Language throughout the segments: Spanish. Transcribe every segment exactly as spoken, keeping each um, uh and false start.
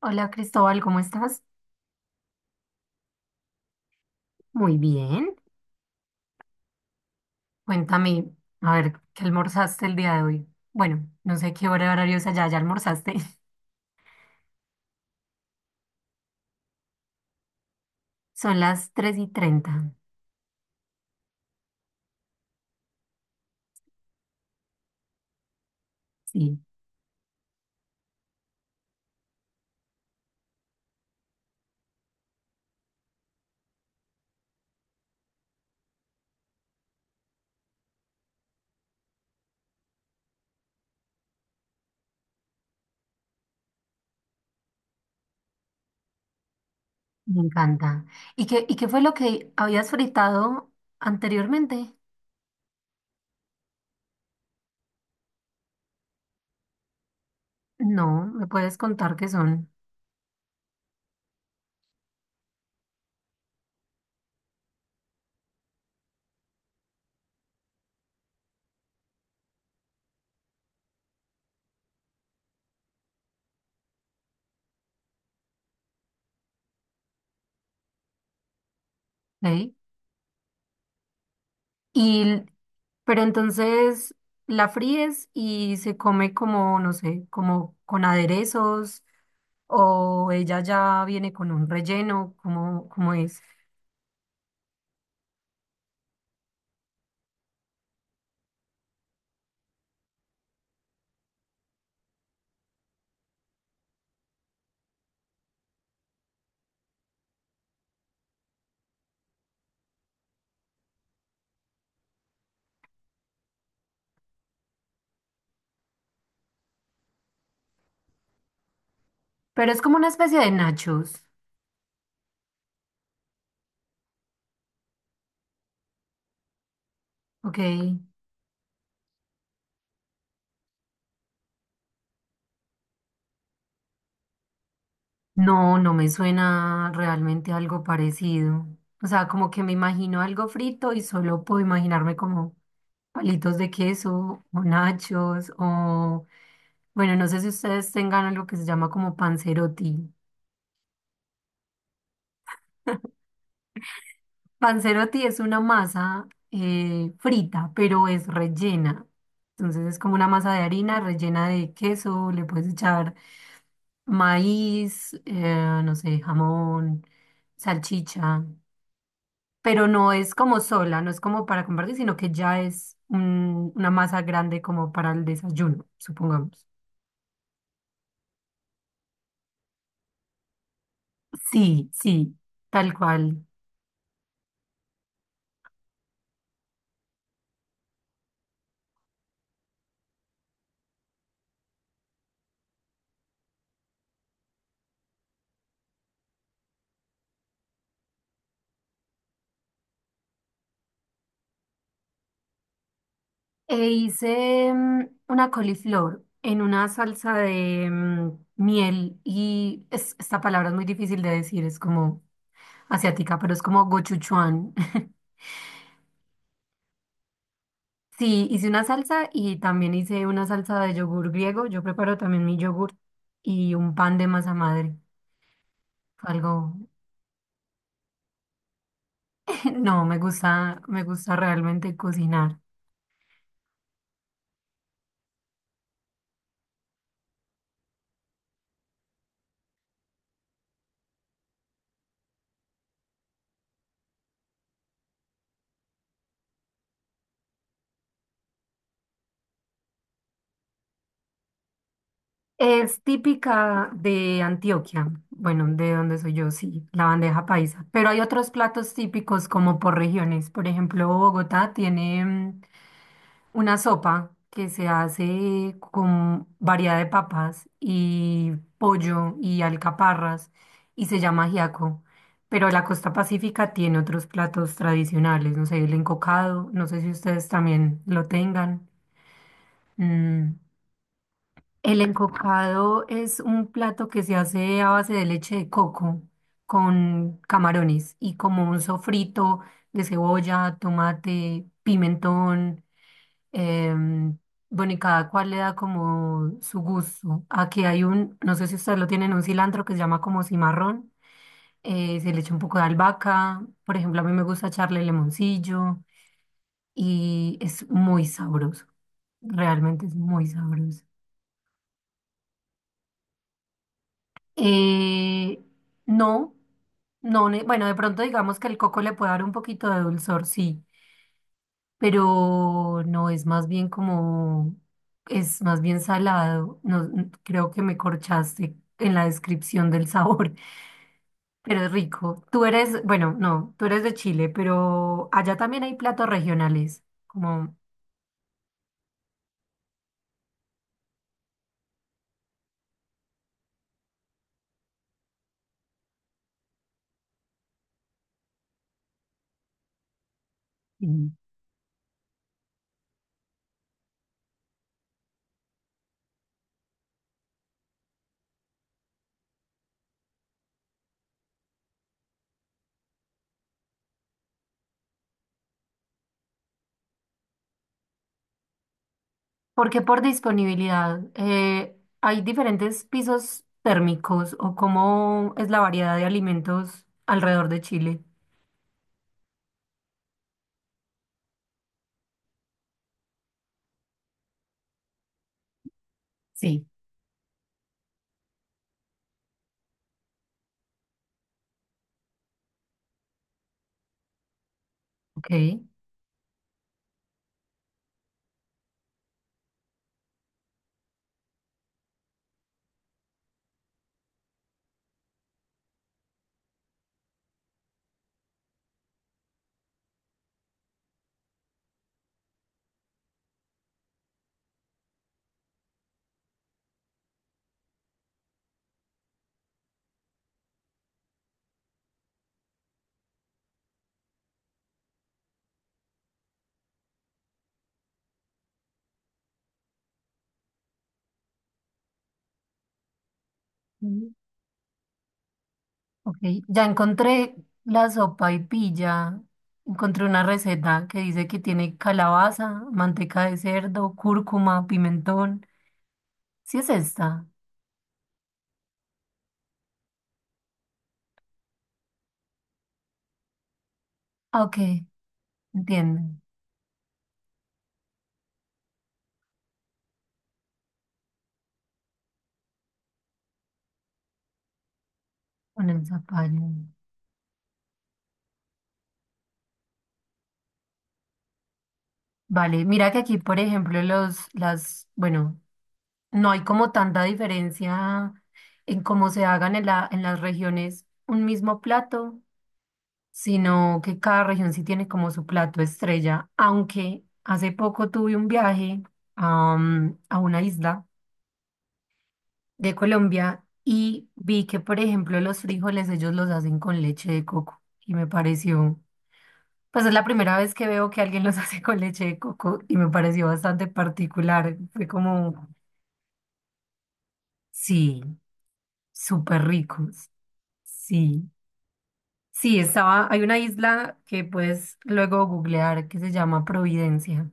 Hola Cristóbal, ¿cómo estás? Muy bien. Cuéntame, a ver, ¿qué almorzaste el día de hoy? Bueno, no sé qué hora horario es allá, ¿ya almorzaste? Son las tres y treinta. Sí, me encanta. ¿Y qué, y qué fue lo que habías fritado anteriormente? No, ¿me puedes contar qué son? ¿Ok? Y, pero entonces la fríes y se come como, no sé, como con aderezos o ella ya viene con un relleno, como, como es. Pero es como una especie de nachos, ¿ok? No, no me suena realmente algo parecido. O sea, como que me imagino algo frito y solo puedo imaginarme como palitos de queso o nachos o, bueno, no sé si ustedes tengan algo que se llama como panzerotti. Panzerotti es una masa eh, frita, pero es rellena. Entonces es como una masa de harina rellena de queso, le puedes echar maíz, eh, no sé, jamón, salchicha, pero no es como sola, no es como para compartir, sino que ya es un- una masa grande como para el desayuno, supongamos. Sí, sí, tal cual. E hice mm, una coliflor en una salsa de mm, miel y es- esta palabra es muy difícil de decir, es como asiática, pero es como gochujang. Sí, hice una salsa y también hice una salsa de yogur griego. Yo preparo también mi yogur y un pan de masa madre. Fue algo, no, me gusta, me gusta realmente cocinar. Es típica de Antioquia, bueno, de donde soy yo, sí, la bandeja paisa. Pero hay otros platos típicos como por regiones. Por ejemplo, Bogotá tiene mm, una sopa que se hace con variedad de papas y pollo y alcaparras y se llama ajiaco. Pero la costa pacífica tiene otros platos tradicionales, no sé, el encocado, no sé si ustedes también lo tengan. mm, el encocado es un plato que se hace a base de leche de coco con camarones y como un sofrito de cebolla, tomate, pimentón. em, bueno, y cada cual le da como su gusto. Aquí hay un, no sé si ustedes lo tienen, un cilantro que se llama como cimarrón. Eh, se le echa un poco de albahaca. Por ejemplo, a mí me gusta echarle limoncillo y es muy sabroso. Realmente es muy sabroso. Eh, no, no, ne- bueno, de pronto digamos que el coco le puede dar un poquito de dulzor, sí, pero no es más bien como, es más bien salado. No, n- creo que me corchaste en la descripción del sabor, pero es rico. Tú eres, bueno, no, tú eres de Chile, pero allá también hay platos regionales, como... Porque por disponibilidad, eh, hay diferentes pisos térmicos o cómo es la variedad de alimentos alrededor de Chile. Sí. Ok. Mm. Ok. Ya encontré la sopa y pilla. Encontré una receta que dice que tiene calabaza, manteca de cerdo, cúrcuma, pimentón. ¿Sí es esta? Ah, ok, entiendo. Con el zapallo. Vale, mira que aquí, por ejemplo, los, las, bueno. No hay como tanta diferencia en cómo se hagan en la, en las regiones un mismo plato, sino que cada región sí tiene como su plato estrella. Aunque hace poco tuve un viaje a, um, a una isla de Colombia y vi que, por ejemplo, los frijoles ellos los hacen con leche de coco y me pareció, pues es la primera vez que veo que alguien los hace con leche de coco y me pareció bastante particular. Fue como, sí, súper ricos. Sí. Sí, estaba, hay una isla que puedes luego googlear que se llama Providencia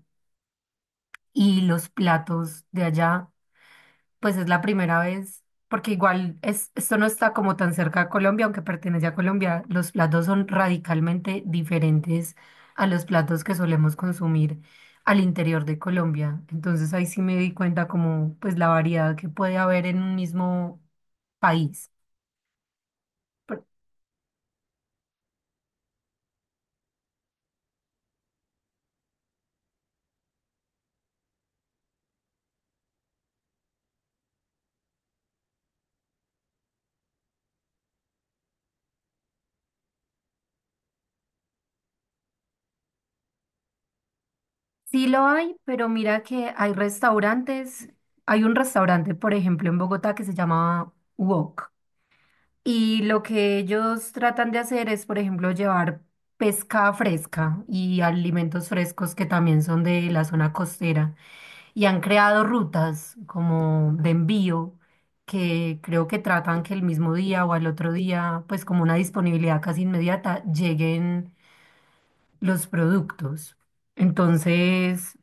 y los platos de allá, pues es la primera vez, porque igual es, esto no está como tan cerca a Colombia, aunque pertenece a Colombia, los platos son radicalmente diferentes a los platos que solemos consumir al interior de Colombia. Entonces ahí sí me di cuenta como pues la variedad que puede haber en un mismo país. Sí lo hay, pero mira que hay restaurantes, hay un restaurante, por ejemplo, en Bogotá que se llama Wok. Y lo que ellos tratan de hacer es, por ejemplo, llevar pesca fresca y alimentos frescos que también son de la zona costera. Y han creado rutas como de envío que creo que tratan que el mismo día o al otro día, pues como una disponibilidad casi inmediata, lleguen los productos. Entonces...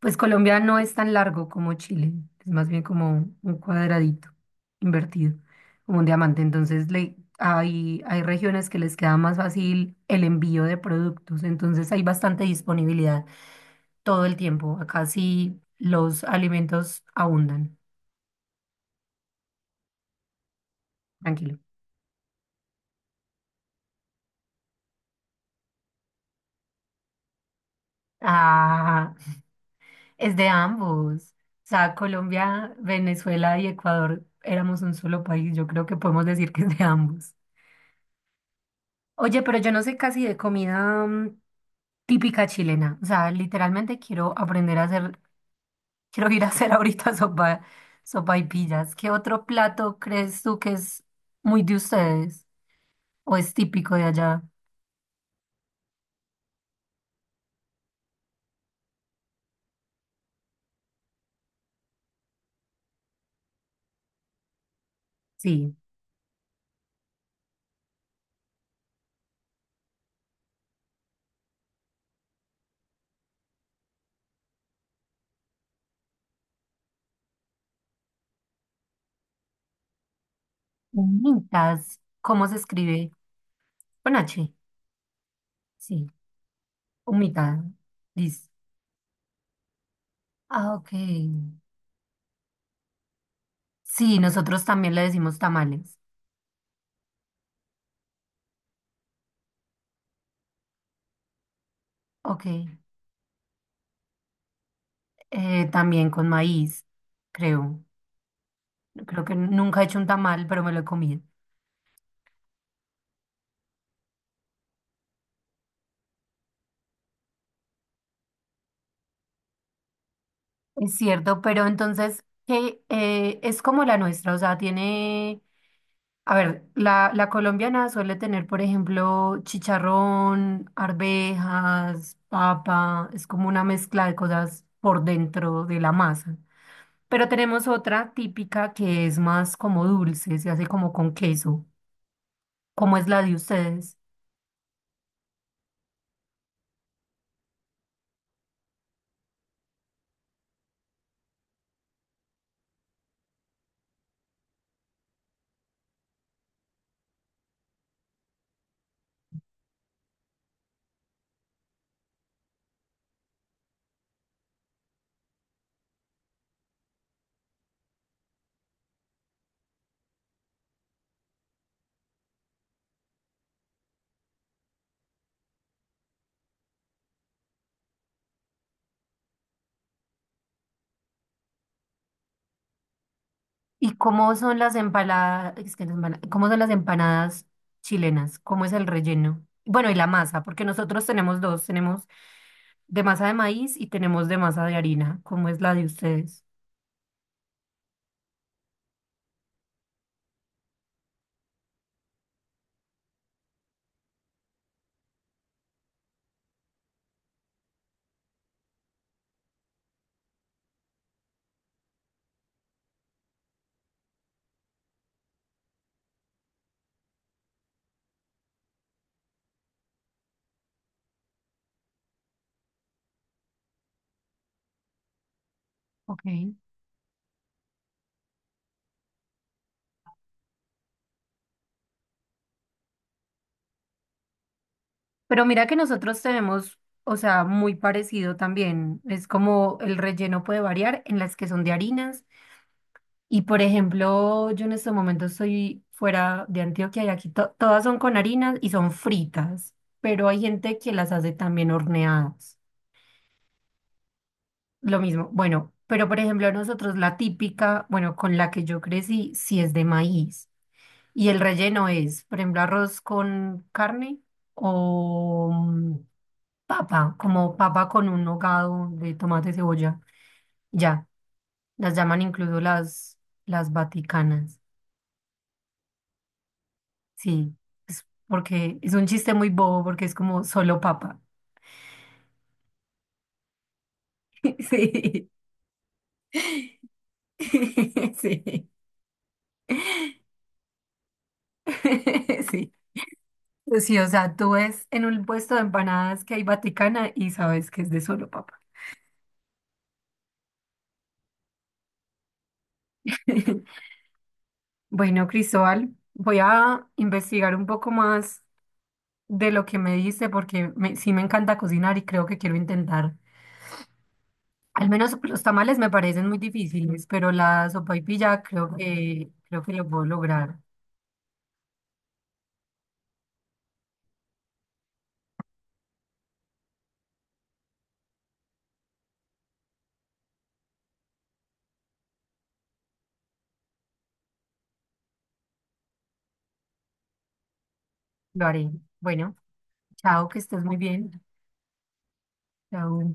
Pues Colombia no es tan largo como Chile, es más bien como un cuadradito invertido, como un diamante. Entonces le, hay, hay regiones que les queda más fácil el envío de productos, entonces hay bastante disponibilidad todo el tiempo. Acá sí los alimentos abundan, tranquilo. Ah, es de ambos. O sea, Colombia, Venezuela y Ecuador éramos un solo país, yo creo que podemos decir que es de ambos. Oye, pero yo no sé casi de comida. Mm, típica chilena. O sea, literalmente quiero aprender a hacer, quiero ir a hacer ahorita sopa, sopaipillas. ¿Qué otro plato crees tú que es muy de ustedes o es típico de allá? Sí, humitas. ¿Cómo se escribe? Con H. Sí, humita. Listo. Ah, ok. Sí, nosotros también le decimos tamales. Ok. Eh, también con maíz, creo. Creo que nunca he hecho un tamal, pero me lo he comido. Es cierto, pero entonces, ¿qué eh, es como la nuestra? O sea, tiene, a ver, la, la colombiana suele tener, por ejemplo, chicharrón, arvejas, papa, es como una mezcla de cosas por dentro de la masa. Pero tenemos otra típica que es más como dulce, se hace como con queso. ¿Cómo es la de ustedes? ¿Y cómo son las empaladas, cómo son las empanadas chilenas? ¿Cómo es el relleno? Bueno, y la masa, porque nosotros tenemos dos, tenemos de masa de maíz y tenemos de masa de harina, ¿cómo es la de ustedes? Ok. Pero mira que nosotros tenemos, o sea, muy parecido también. Es como el relleno puede variar en las que son de harinas. Y por ejemplo, yo en este momento estoy fuera de Antioquia y aquí to- todas son con harinas y son fritas, pero hay gente que las hace también horneadas. Lo mismo. Bueno, pero por ejemplo, nosotros la típica, bueno, con la que yo crecí, sí es de maíz. Y el relleno es, por ejemplo, arroz con carne o mm, papa, como papa con un hogado de tomate, cebolla. Ya, las llaman incluso las, las vaticanas. Sí, es porque es un chiste muy bobo porque es como solo papa. Sí, sí, sí. Sí, o sea, tú ves en un puesto de empanadas que hay Vaticana y sabes que es de solo papa. Bueno, Cristóbal, voy a investigar un poco más de lo que me dice porque me- sí me encanta cocinar y creo que quiero intentar. Al menos los tamales me parecen muy difíciles, pero la sopaipilla creo que creo que lo puedo lograr. Lo haré. Bueno, chao, que estés muy bien. Chao.